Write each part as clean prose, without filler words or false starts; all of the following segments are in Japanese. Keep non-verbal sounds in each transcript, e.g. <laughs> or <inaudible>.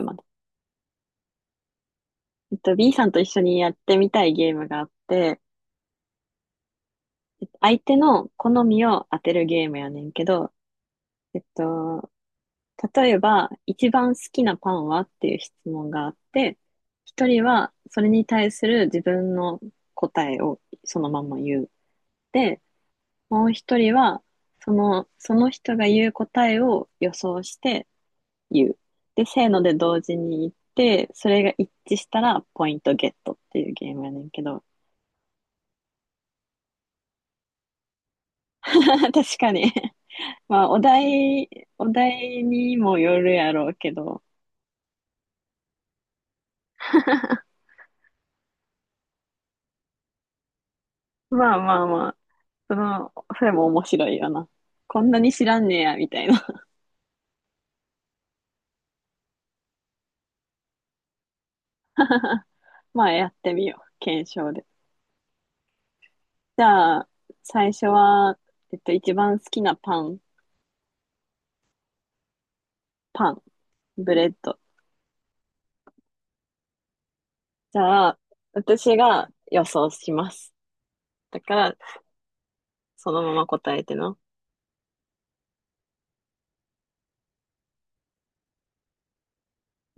まで。B さんと一緒にやってみたいゲームがあって、相手の好みを当てるゲームやねんけど、えっと、例えば、一番好きなパンはっていう質問があって、一人はそれに対する自分の答えをそのまま言う。で、もう一人は、その人が言う答えを予想して言う。で、せーので同時に言って、それが一致したらポイントゲットっていうゲームやねんけど。<laughs> 確かに。まあ、お題にもよるやろうけど、<laughs> まあまあまあ、その、それも面白いよな。こんなに知らんねや、みたいな。<laughs> まあ、やってみよう。検証で。じゃあ、最初は、一番好きなパン、パン、ブレッド。じゃあ、私が予想します。だから、そのまま答えての。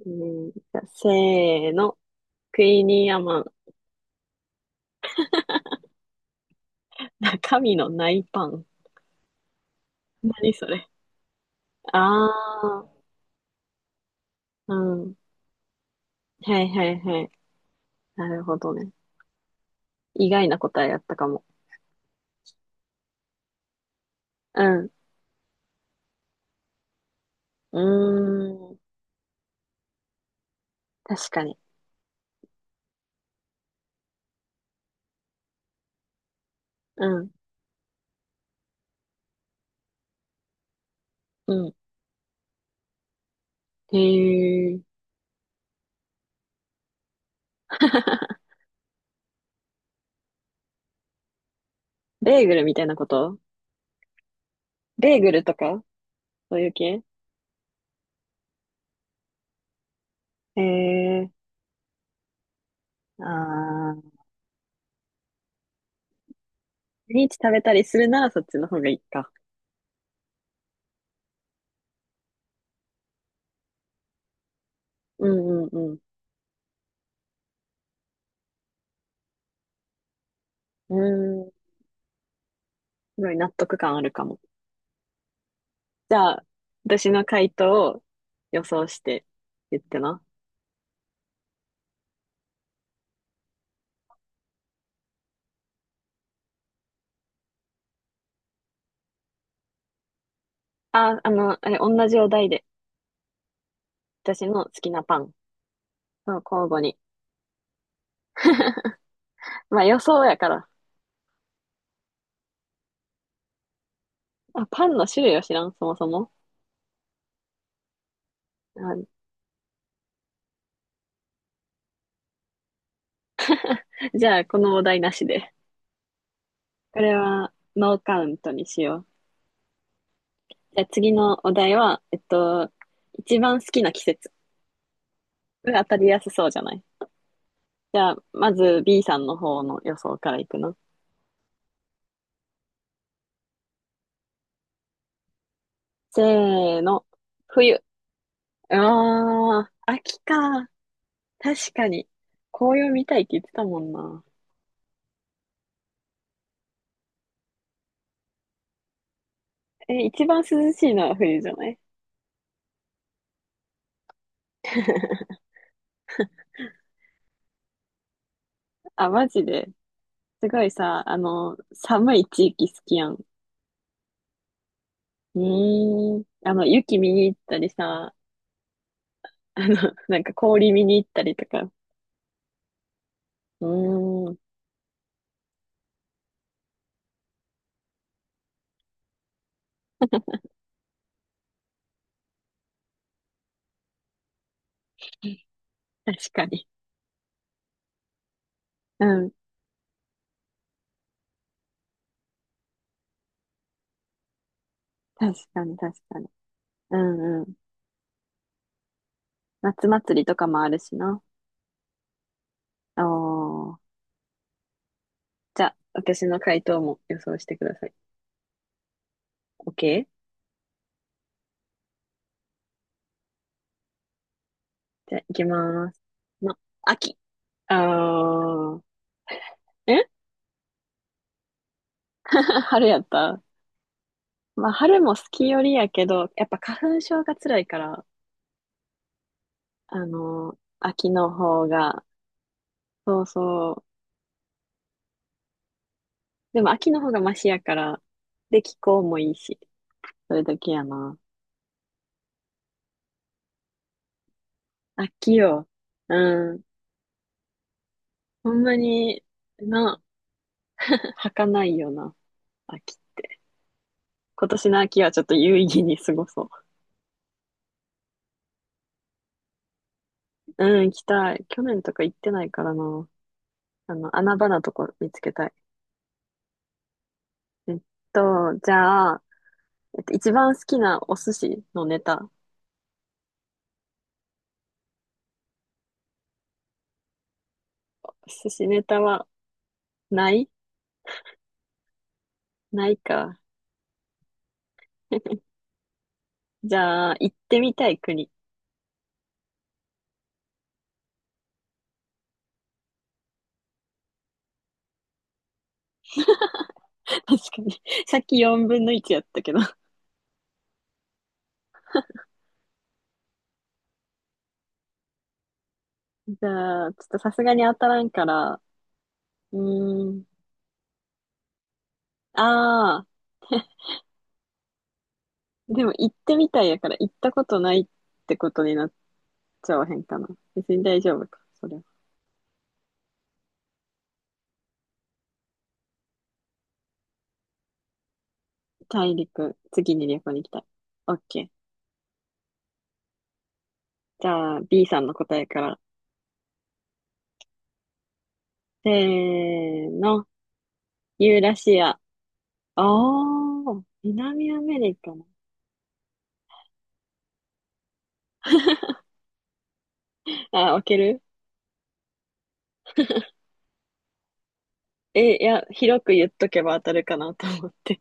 うん、じゃあせーの。クイニーアマン。神の内パン。何それ。あー、うん。はいはいはい。なるほどね。意外な答えやったかも。うん。うーん。確かに。うん。うん。へえ。<laughs> ベーグルみたいなこと、ベーグルとかそういう系？へえ。あー。毎日食べたりするならそっちの方がいいか。うんうんうん。うーん。すごい納得感あるかも。じゃあ、私の回答を予想して言ってな。あ、あれ、同じお題で。私の好きなパン。そう、交互に。まあ予想やから。あ、パンの種類を知らん、そもそも。あ、じゃあ、このお題なしで。これは、ノーカウントにしよう。じゃあ、次のお題は、一番好きな季節。これ当たりやすそうじゃない？じゃあ、まず B さんの方の予想からいくの？せーの、冬。ああ、秋か。確かに。紅葉見たいって言ってたもんな。え、一番涼しいのは冬じゃない？ <laughs> あ、マジで。すごいさ、あの、寒い地域好きやん。うーん。あの、雪見に行ったりさ、あの、<laughs> なんか氷見に行ったりとか。うーん。確かに。うん。確かに、確かに。うんうん。夏祭りとかもあるしな。おー。じゃあ、私の回答も予想してください。OK？ じゃあ、行きます。ま、秋。あー。え？ <laughs> 春やった。まあ、春も好きよりやけど、やっぱ花粉症が辛いから、秋の方が、そうそう。でも秋の方がマシやから、で、気候もいいし、それだけやな。秋よ。うん。ほんまに、な、<laughs> 儚いよな、秋。今年の秋はちょっと有意義に過ごそう。うん、行きたい。去年とか行ってないからな。あの、穴場なとこ見つけたい。えっじゃあ、一番好きなお寿司のネタ。寿司ネタは、ない？ないか。<laughs> じゃあ、行ってみたい国。<laughs> 確かに。さっき4分の1やったけど。じゃあ、ちょっとさすがに当たらんから、うーん。ああ、でも行ってみたいやから行ったことないってことになっちゃわへんかな。別に大丈夫か、それは。大陸、次に旅行に行きたい。オッケー。じゃあ、B さんの答えから。せーの、ユーラシア。おー、南アメリカの。あ置ける。え、いや、広く言っとけば当たるかなと思って。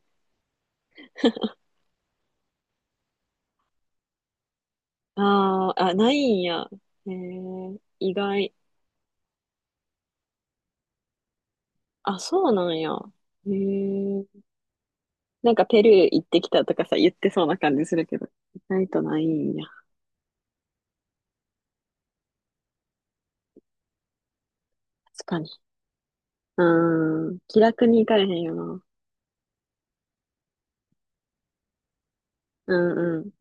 あー、あ、ないんや。えー、意外。あ、そうなんや。へえ。なんかペルー行ってきたとかさ、言ってそうな感じするけど、意外とないんや。確かに。うーん。気楽に行かれへんよな。うんうん。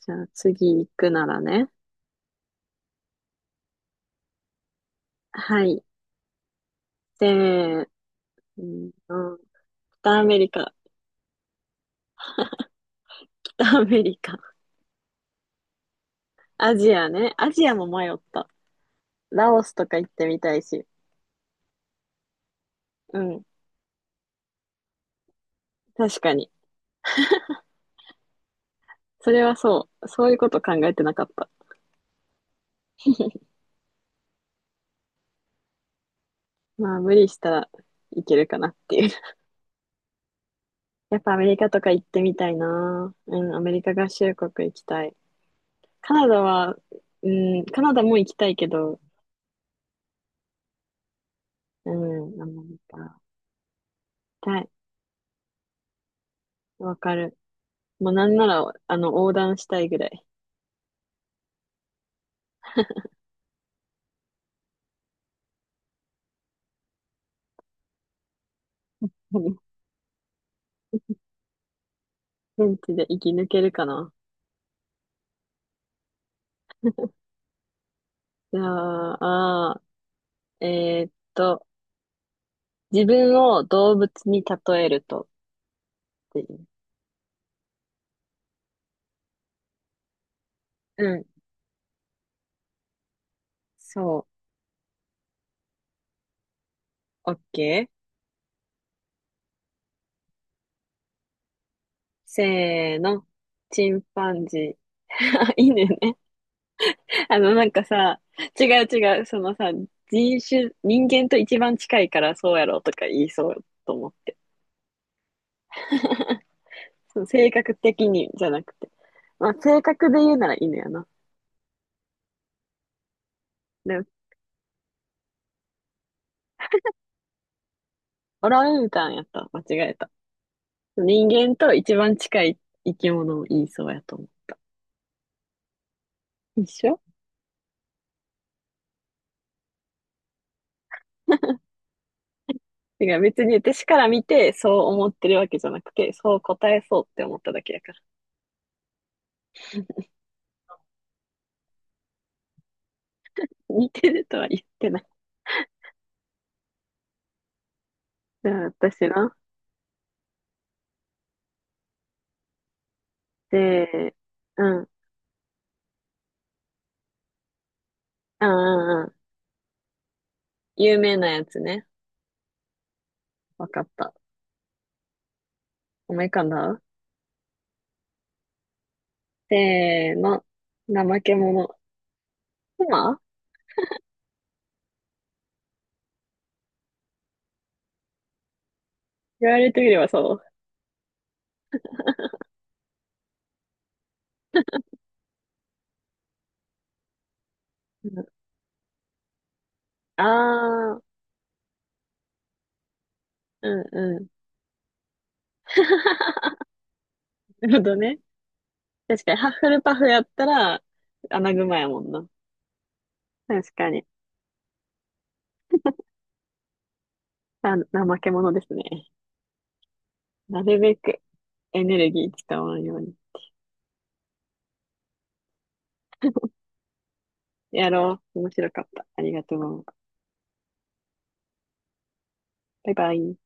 じゃあ次行くならね。はい。せーの。北アメリカ。北アメリカ。アジアね。アジアも迷った。ラオスとか行ってみたいし。うん。確かに。それはそう。そういうこと考えてなかった。まあ、無理したらいけるかなっていう。やっぱアメリカとか行ってみたいな。うん、アメリカ合衆国行きたい。カナダは、うん、カナダも行きたいけど、うん、アメリカ。行きたい。わかる。もうなんなら、あの、横断したいぐらい。<laughs> 現地で生き抜けるかな。じゃあ、ーえーっと、自分を動物に例えるとっていう。うん、そう。オッケー。せーの。チンパンジー。あ、いいね。<laughs> あの、なんかさ、違う違う、そのさ、人種、人間と一番近いからそうやろとか言いそうと思って。<laughs> その性格的にじゃなくて。まあ、性格で言うなら犬やな。でも、オランウータンやった。間違えた。人間と一番近い生き物を言いそうやと思う。一緒。てか別に私から見てそう思ってるわけじゃなくて、そう答えそうって思っただけやから。似てるとは言ってない。うん私の。で、うん。うんうんうん。有名なやつね。わかった。思い浮かんだ？せーの。怠け者。熊？言われてみればそう。うん、あー、うんうん。<laughs> なるほどね。確かに、ハッフルパフやったら、穴熊やもんな。確かに。あ、怠け者ですね。なるべくエネルギー使わんように。やろう。面白かった。ありがとう。バイバイ。